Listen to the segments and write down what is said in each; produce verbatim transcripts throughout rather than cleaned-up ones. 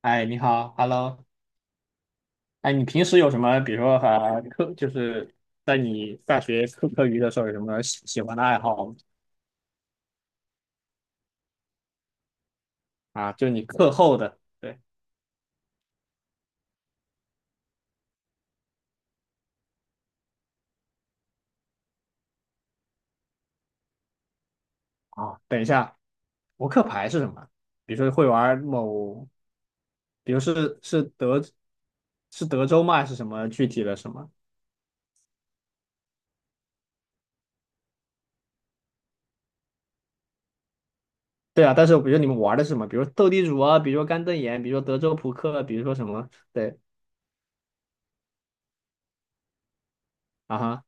哎，你好，Hello。哎，你平时有什么，比如说呃，课，就是在你大学课课余的时候，有什么喜喜欢的爱好吗？啊，就你课后的。对啊，等一下，扑克牌是什么？比如说会玩某，比如是是德是德州吗？还是什么具体的什么？对啊，但是比如你们玩的是什么？比如斗地主啊，比如说干瞪眼，比如说德州扑克，比如说什么？对啊哈，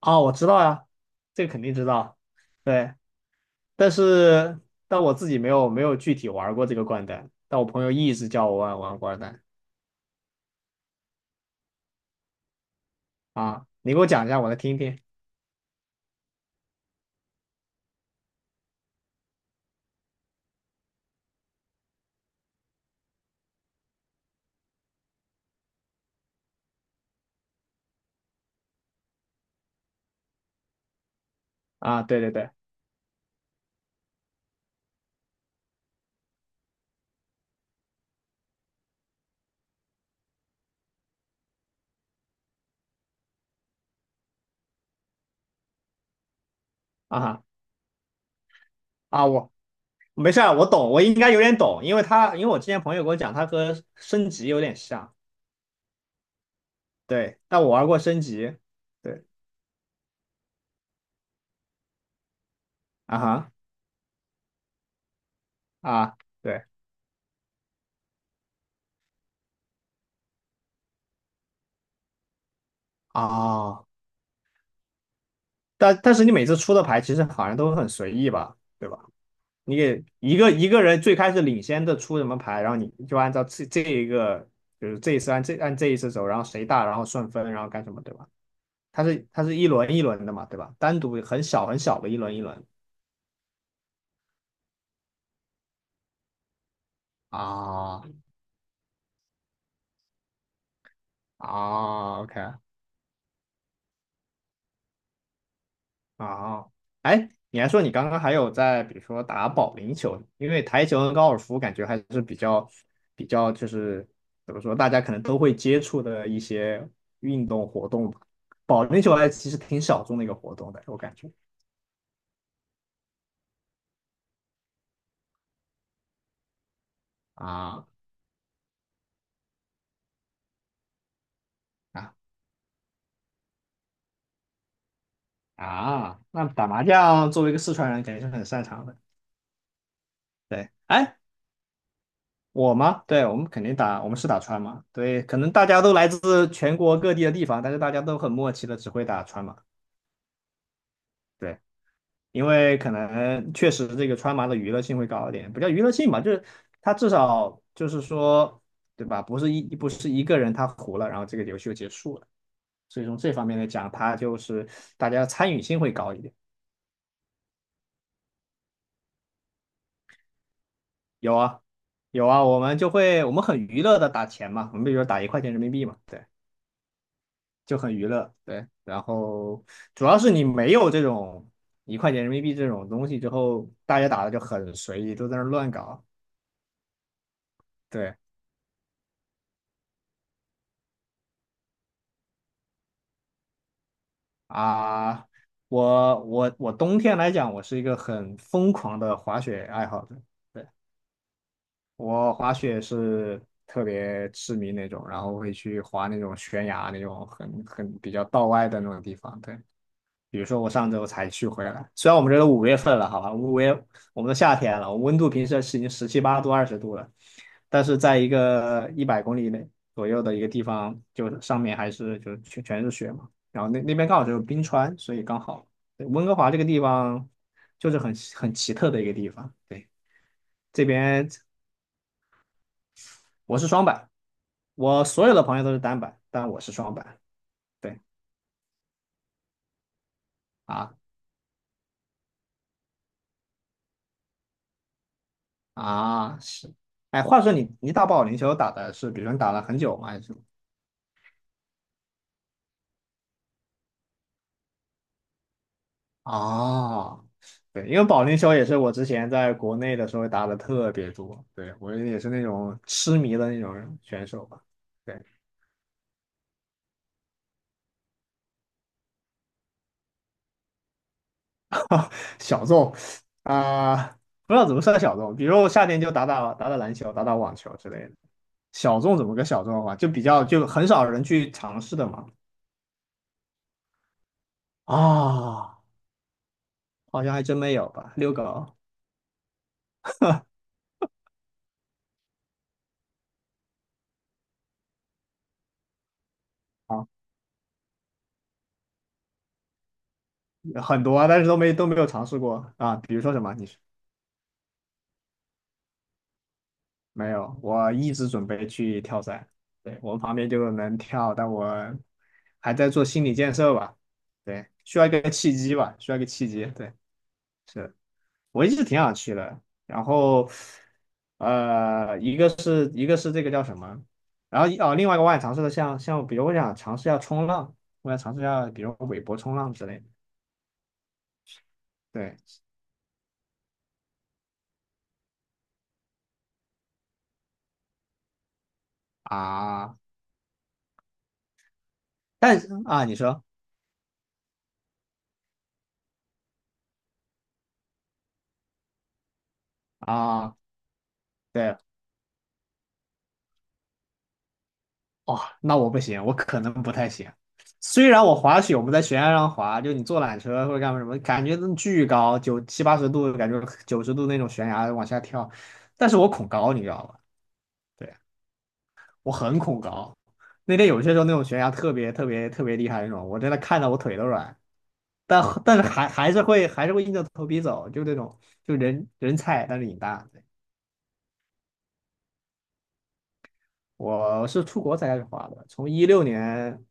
哦，我知道呀、这个肯定知道。对。但是但我自己没有没有具体玩过这个掼蛋，但我朋友一直叫我玩玩掼蛋。啊，你给我讲一下，我来听听。啊。对对对，啊哈啊，我没事儿，我懂，我应该有点懂，因为他因为我之前朋友跟我讲，他和升级有点像，对，但我玩过升级，对啊哈啊对啊，但但是你每次出的牌其实好像都很随意吧，对吧？你给一个一个人最开始领先的出什么牌，然后你就按照这这一个，就是这一次按这按这一次走，然后谁大，然后顺分，然后干什么，对吧？它是它是一轮一轮的嘛，对吧？单独很小很小的一轮一轮。啊啊，OK。啊，哎，你还说你刚刚还有在，比如说打保龄球，因为台球跟高尔夫感觉还是比较比较就是怎么说，大家可能都会接触的一些运动活动吧。保龄球还其实挺小众的一个活动的，我感觉。啊啊啊！那打麻将作为一个四川人，肯定是很擅长的。对，哎，我吗？对，我们肯定打，我们是打川麻。对，可能大家都来自全国各地的地方，但是大家都很默契的只会打川麻。对。因为可能确实这个川麻的娱乐性会高一点，不叫娱乐性吧，就是它至少就是说，对吧？不是一不是一个人他胡了，然后这个游戏就结束了。所以从这方面来讲，它就是大家参与性会高一点。有啊，有啊，我们就会我们很娱乐的打钱嘛，我们比如说打一块钱人民币嘛，对，就很娱乐，对。然后主要是你没有这种一块钱人民币这种东西之后，大家打的就很随意，都在那儿乱搞。对，啊，我我我冬天来讲，我是一个很疯狂的滑雪爱好者。对，我滑雪是特别痴迷那种，然后会去滑那种悬崖那种很很比较道外的那种地方。对。比如说我上周才去回来，虽然我们这都五月份了，好吧，五月我们都夏天了，温度平时是已经十七八度、二十度了，但是在一个一百公里内左右的一个地方，就上面还是就全全是雪嘛，然后那那边刚好就是冰川，所以刚好。对温哥华这个地方就是很很奇特的一个地方，对，这边我是双板，我所有的朋友都是单板，但我是双板，对啊，啊，是，哎，话说你你打保龄球打的是，比如说你打了很久吗？还是什么？哦，对，因为保龄球也是我之前在国内的时候打的特别多，对，我也是那种痴迷的那种选手吧，对，小众啊，不知道怎么算小众，比如我夏天就打打打打篮球，打打网球之类的。小众怎么个小众法？就比较就很少人去尝试的嘛。啊、好像还真没有吧，遛狗。很多啊，但是都没都没有尝试过啊。比如说什么？你说没有？我一直准备去跳伞，对，我们旁边就能跳，但我还在做心理建设吧。对，需要一个契机吧，需要一个契机。对，是我一直挺想去的。然后，呃，一个是一个是这个叫什么？然后哦，另外一个我想尝试的像像，比如我想尝试一下冲浪，我想尝试一下，比如韦伯冲浪之类的。对啊，但是啊，你说。啊，对，哦，那我不行，我可能不太行。虽然我滑雪，我们在悬崖上滑，就你坐缆车或者干嘛什么，感觉都巨高，九七八十度，感觉九十度那种悬崖往下跳，但是我恐高，你知道吧？对，我很恐高。那天有些时候那种悬崖特别特别特别厉害那种，我真的看到我腿都软，但但是还还是会还是会硬着头皮走，就那种就人人菜，但是瘾大。对，我是出国才开始滑的，从一六年。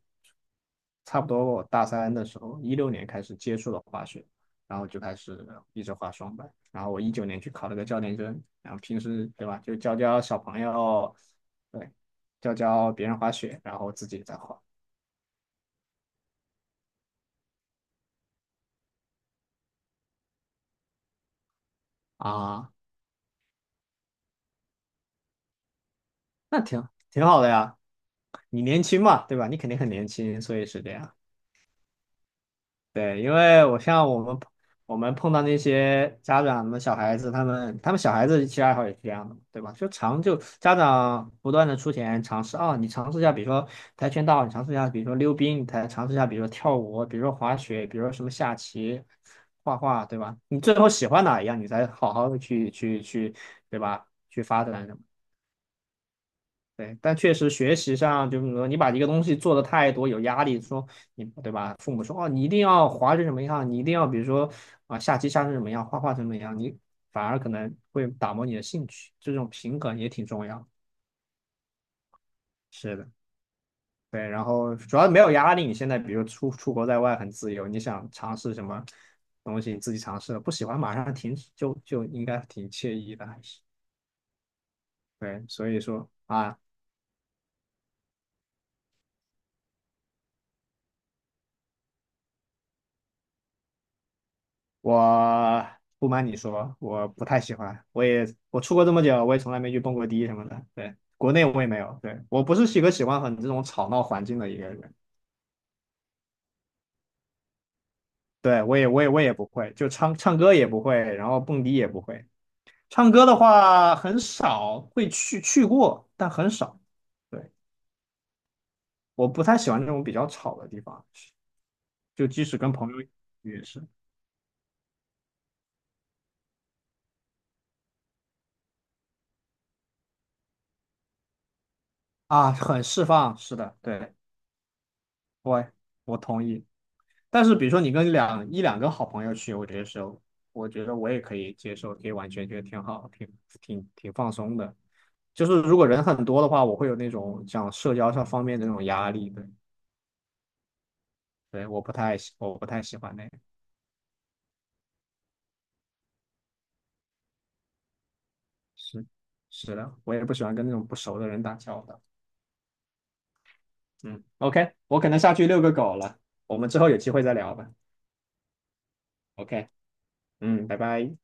差不多我大三的时候，一六年开始接触了滑雪，然后就开始一直滑双板。然后我一九年去考了个教练证，然后平时对吧，就教教小朋友，对，教教别人滑雪，然后自己也在滑啊，那挺挺好的呀。你年轻嘛，对吧？你肯定很年轻，所以是这样。对，因为我像我们我们碰到那些家长的小孩子，他们他们小孩子其实爱好也是这样的嘛，对吧？就尝就家长不断的出钱尝试啊、你尝试一下，比如说跆拳道，你尝试一下，比如说溜冰，你才尝试一下，比如说跳舞，比如说滑雪，比如说什么下棋、画画，对吧？你最后喜欢哪一样，你才好好的去去去，对吧？去发展。对，但确实学习上，就是说你把一个东西做的太多，有压力，说你对吧？父母说哦，你一定要滑成什么样，你一定要比如说啊，下棋下成什么样，画画成什么样，你反而可能会打磨你的兴趣，这种平衡也挺重要。是的，对，然后主要没有压力，你现在比如出出国在外很自由，你想尝试什么东西，你自己尝试了，不喜欢马上停止，就就应该挺惬意的，还是对，所以说啊。我不瞒你说，我不太喜欢。我也我出国这么久，我也从来没去蹦过迪什么的。对，国内我也没有。对，我不是一个喜欢很这种吵闹环境的一个人。对，我也我也我也不会，就唱唱歌也不会，然后蹦迪也不会。唱歌的话很少会去去过，但很少。对，我不太喜欢这种比较吵的地方，就即使跟朋友也是啊，很释放。是的，对，我我同意。但是比如说你跟两一两个好朋友去，我觉得是，我觉得我也可以接受，可以完全觉得挺好，挺挺挺放松的。就是如果人很多的话，我会有那种像社交上方面的那种压力，对对，我不太喜，我不太喜欢那个。是是的，我也不喜欢跟那种不熟的人打交道。嗯，OK,我可能下去遛个狗了，我们之后有机会再聊吧。OK,嗯，拜拜。